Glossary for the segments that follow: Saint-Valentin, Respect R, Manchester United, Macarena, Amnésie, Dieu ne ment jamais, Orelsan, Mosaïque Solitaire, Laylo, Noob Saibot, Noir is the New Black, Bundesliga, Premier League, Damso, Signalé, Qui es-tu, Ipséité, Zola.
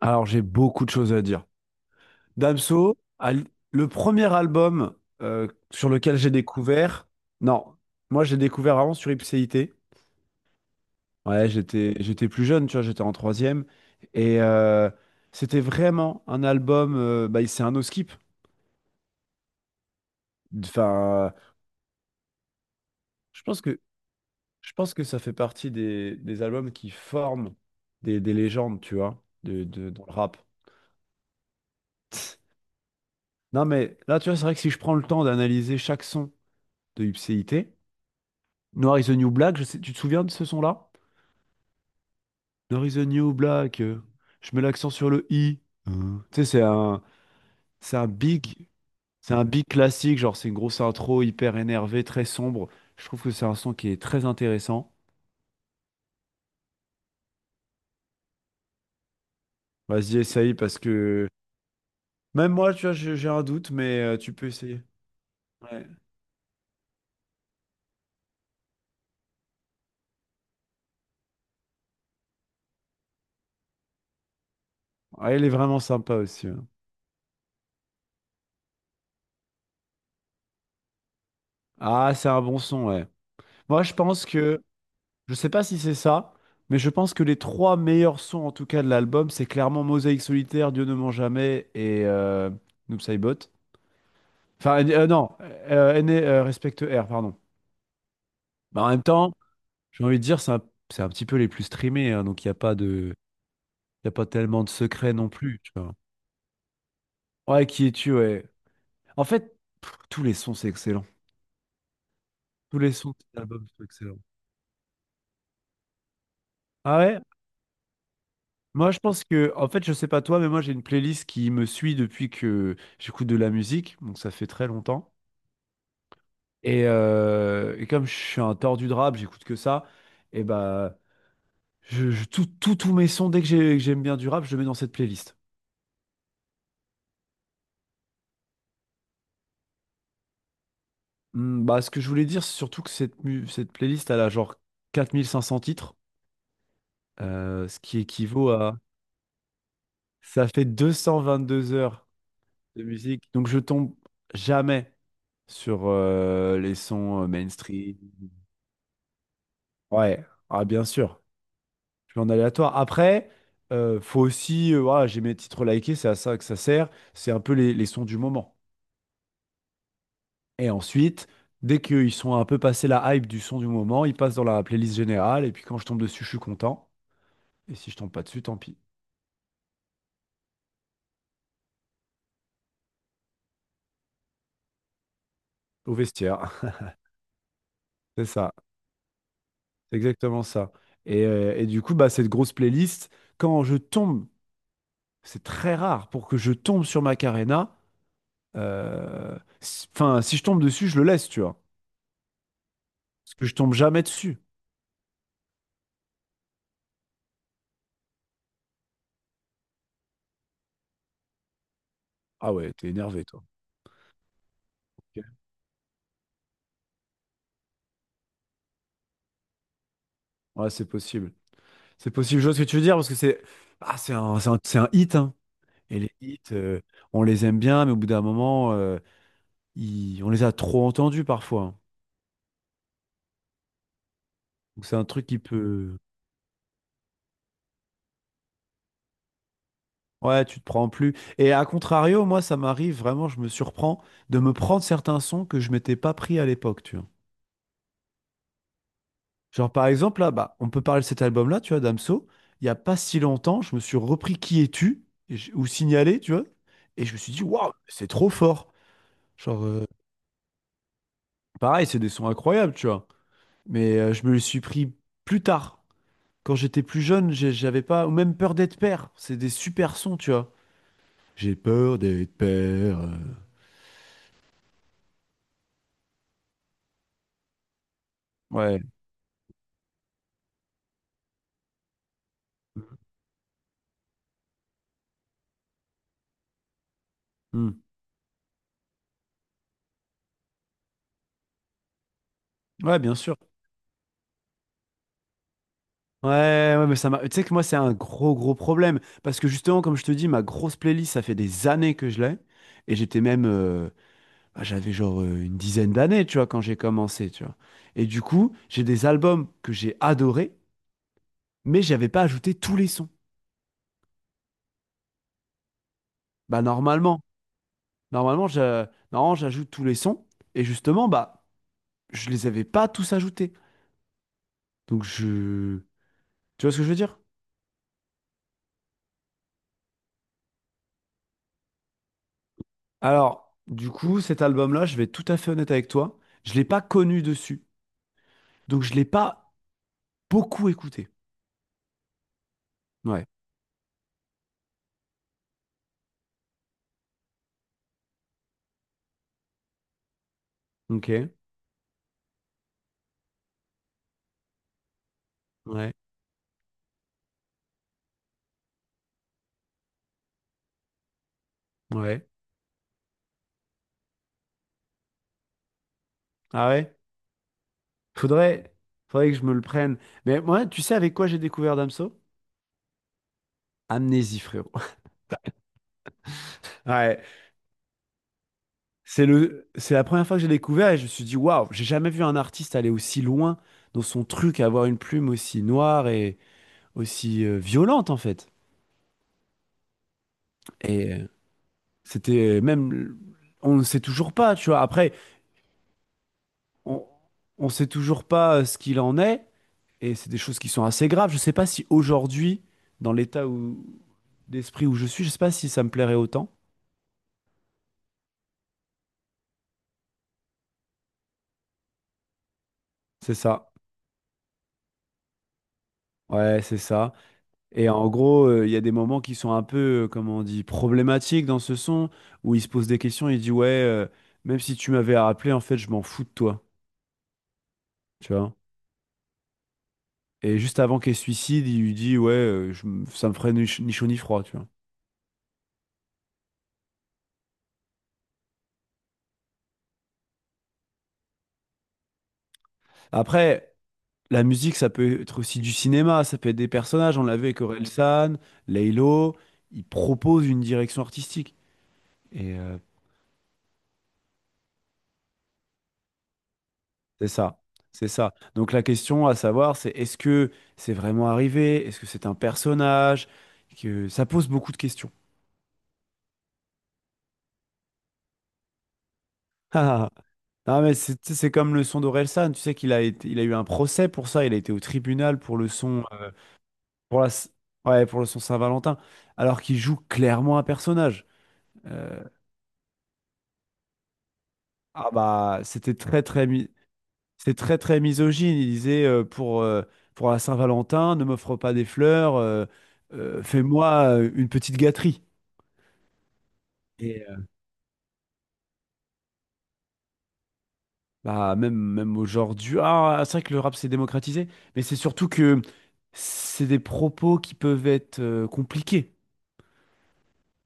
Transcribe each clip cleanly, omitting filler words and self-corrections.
Alors, j'ai beaucoup de choses à dire. Damso, le premier album sur lequel j'ai découvert. Non, moi j'ai découvert avant sur Ipséité. Ouais, j'étais plus jeune, tu vois, j'étais en troisième. Et c'était vraiment un album, bah, c'est un no skip. Enfin, je pense que, je pense que ça fait partie des albums qui forment des légendes, tu vois, dans le rap. Non, mais là, tu vois, c'est vrai que si je prends le temps d'analyser chaque son de Ipséité. Noir is the New Black, tu te souviens de ce son-là? Noir is the New Black, je mets l'accent sur le i. Hein. Tu sais, c'est un big, c'est un big classique, genre c'est une grosse intro hyper énervée, très sombre. Je trouve que c'est un son qui est très intéressant. Vas-y, essaye parce que même moi, tu vois, j'ai un doute, mais tu peux essayer. Ouais. Ouais, il est vraiment sympa aussi, hein. Ah, c'est un bon son, ouais. Moi, je pense que Je sais pas si c'est ça, mais je pense que les trois meilleurs sons en tout cas de l'album, c'est clairement Mosaïque Solitaire, Dieu ne ment jamais et Noob Saibot. Enfin, non, Respect R, pardon. Bah, en même temps, j'ai envie de dire, c'est un petit peu les plus streamés, hein, donc il n'y a pas de, y a pas tellement de secrets non plus, tu vois. Ouais, qui es-tu, ouais. En fait, pff, tous les sons, c'est excellent. Tous les sons de cet album sont excellents. Ah ouais? Moi, je pense que, en fait, je sais pas toi, mais moi, j'ai une playlist qui me suit depuis que j'écoute de la musique, donc ça fait très longtemps. Et, comme je suis un tordu de rap, j'écoute que ça, et bah, tous mes sons, que j'aime bien du rap, je le mets dans cette playlist. Hmm, bah, ce que je voulais dire, c'est surtout que cette playlist, elle a genre 4 500 titres, ce qui équivaut à... Ça fait 222 heures de musique, donc je tombe jamais sur les sons mainstream. Ouais, ah, bien sûr, je suis en aléatoire. Après, faut aussi, voilà, j'ai mes titres likés, c'est à ça que ça sert. C'est un peu les sons du moment. Et ensuite, dès qu'ils sont un peu passés la hype du son du moment, ils passent dans la playlist générale. Et puis quand je tombe dessus, je suis content. Et si je tombe pas dessus, tant pis. Au vestiaire. C'est ça, c'est exactement ça. Et, du coup, bah, cette grosse playlist, quand je tombe, c'est très rare pour que je tombe sur Macarena. Enfin, si je tombe dessus, je le laisse, tu vois. Parce que je tombe jamais dessus. Ah ouais, t'es énervé, toi. Ok. Ouais, c'est possible. C'est possible, je vois ce que tu veux dire, parce que c'est ah, c'est un hit, hein. Et les hits, on les aime bien, mais au bout d'un moment, on les a trop entendus parfois, hein. Donc c'est un truc qui peut... Ouais, tu te prends plus. Et à contrario, moi, ça m'arrive vraiment, je me surprends de me prendre certains sons que je m'étais pas pris à l'époque, tu vois. Genre, par exemple, là, bah, on peut parler de cet album-là, tu vois, Damso. Il y a pas si longtemps, je me suis repris Qui es-tu? Ou Signalé, tu vois. Et je me suis dit, waouh, c'est trop fort. Genre, pareil, c'est des sons incroyables, tu vois. Mais je me les suis pris plus tard. Quand j'étais plus jeune, j'avais pas, ou même peur d'être père. C'est des super sons, tu vois. J'ai peur d'être père. Ouais. Hmm. Ouais, bien sûr. Ouais, ouais, mais ça m'a. Tu sais que moi, c'est un gros, gros problème. Parce que justement, comme je te dis, ma grosse playlist, ça fait des années que je l'ai. Et j'étais même, bah, j'avais genre une dizaine d'années, tu vois, quand j'ai commencé, tu vois. Et du coup, j'ai des albums que j'ai adorés, mais j'avais pas ajouté tous les sons. Bah normalement, je, normalement, j'ajoute tous les sons et justement, bah je les avais pas tous ajoutés. Donc tu vois ce que je veux dire? Alors du coup, cet album-là, je vais être tout à fait honnête avec toi, je l'ai pas connu dessus, donc je l'ai pas beaucoup écouté. Ouais. Ok. Ouais. Ouais. Ah ouais. Faudrait, Faudrait que je me le prenne. Mais moi, tu sais avec quoi j'ai découvert Damso? Amnésie, frérot. Ouais. C'est la première fois que j'ai découvert et je me suis dit, waouh, j'ai jamais vu un artiste aller aussi loin dans son truc, avoir une plume aussi noire et aussi violente en fait. Et c'était même, on ne sait toujours pas, tu vois. Après, on ne sait toujours pas ce qu'il en est et c'est des choses qui sont assez graves. Je ne sais pas si aujourd'hui, dans l'état où, d'esprit où je suis, je ne sais pas si ça me plairait autant. C'est ça. Ouais, c'est ça. Et en gros, il y a des moments qui sont un peu, comment on dit, problématiques dans ce son, où il se pose des questions, il dit, ouais, même si tu m'avais rappelé, en fait, je m'en fous de toi, tu vois. Et juste avant qu'il se suicide, il lui dit, ouais, ça me ferait ni chaud ni froid, tu vois. Après, la musique, ça peut être aussi du cinéma, ça peut être des personnages, on l'a vu avec Orelsan, Laylo, ils proposent une direction artistique. Et c'est ça, c'est ça. Donc la question à savoir, c'est est-ce que c'est vraiment arrivé? Est-ce que c'est un personnage? Que ça pose beaucoup de questions. Ah, non, mais c'est tu sais, c'est comme le son d'Orelsan. Tu sais il a eu un procès pour ça. Il a été au tribunal pour le son, pour la, s- ouais, pour le son Saint-Valentin, alors qu'il joue clairement un personnage. Euh, ah bah, c'était c'est très très misogyne. Il disait pour la Saint-Valentin, ne m'offre pas des fleurs, fais-moi une petite gâterie. Et bah même aujourd'hui, ah c'est vrai que le rap s'est démocratisé, mais c'est surtout que c'est des propos qui peuvent être compliqués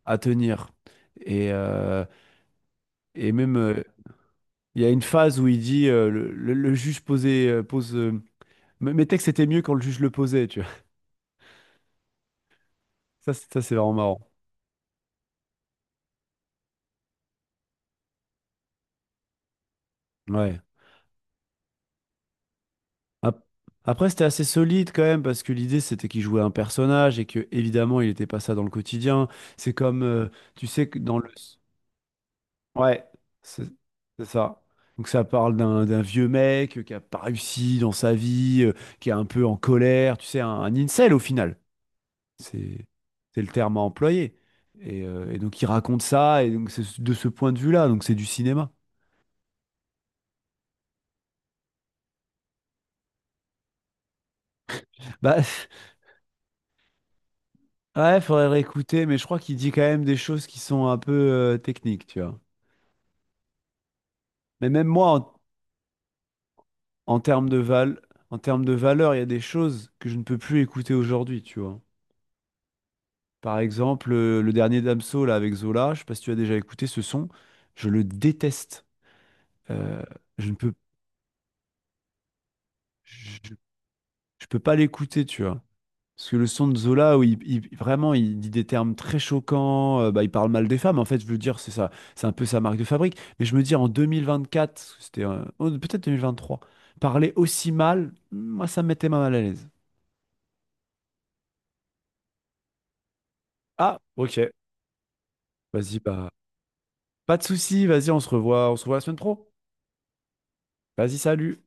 à tenir. Et même, il y a une phase où il dit le juge posait pose mes textes étaient mieux quand le juge le posait, tu vois. Ça c'est vraiment marrant. Ouais. Ap- Après c'était assez solide quand même parce que l'idée c'était qu'il jouait un personnage et que évidemment il n'était pas ça dans le quotidien. C'est comme tu sais que dans le. Ouais, c'est c'est ça. Donc ça parle d'un vieux mec qui a pas réussi dans sa vie, qui est un peu en colère, tu sais, un incel au final. C'est c'est le terme à employer. Et, donc il raconte ça, et donc c'est de ce point de vue-là, donc c'est du cinéma. Bah ouais, faudrait le réécouter, mais je crois qu'il dit quand même des choses qui sont un peu techniques, tu vois. Mais même moi, en, en termes de val, en termes de valeur, il y a des choses que je ne peux plus écouter aujourd'hui, tu vois. Par exemple, le dernier Damso là avec Zola, je sais pas si tu as déjà écouté ce son, je le déteste. Euh, je ne peux, je, je- je peux pas l'écouter, tu vois. Parce que le son de Zola, où vraiment, il dit des termes très choquants, bah, il parle mal des femmes, en fait, je veux dire, c'est ça, c'est un peu sa marque de fabrique. Mais je me dis, en 2024, parce que c'était oh, peut-être 2023, parler aussi mal, moi, ça me mettait mal à l'aise. Ah, ok, vas-y, bah, pas de souci, vas-y, on se revoit la semaine pro. Vas-y, salut.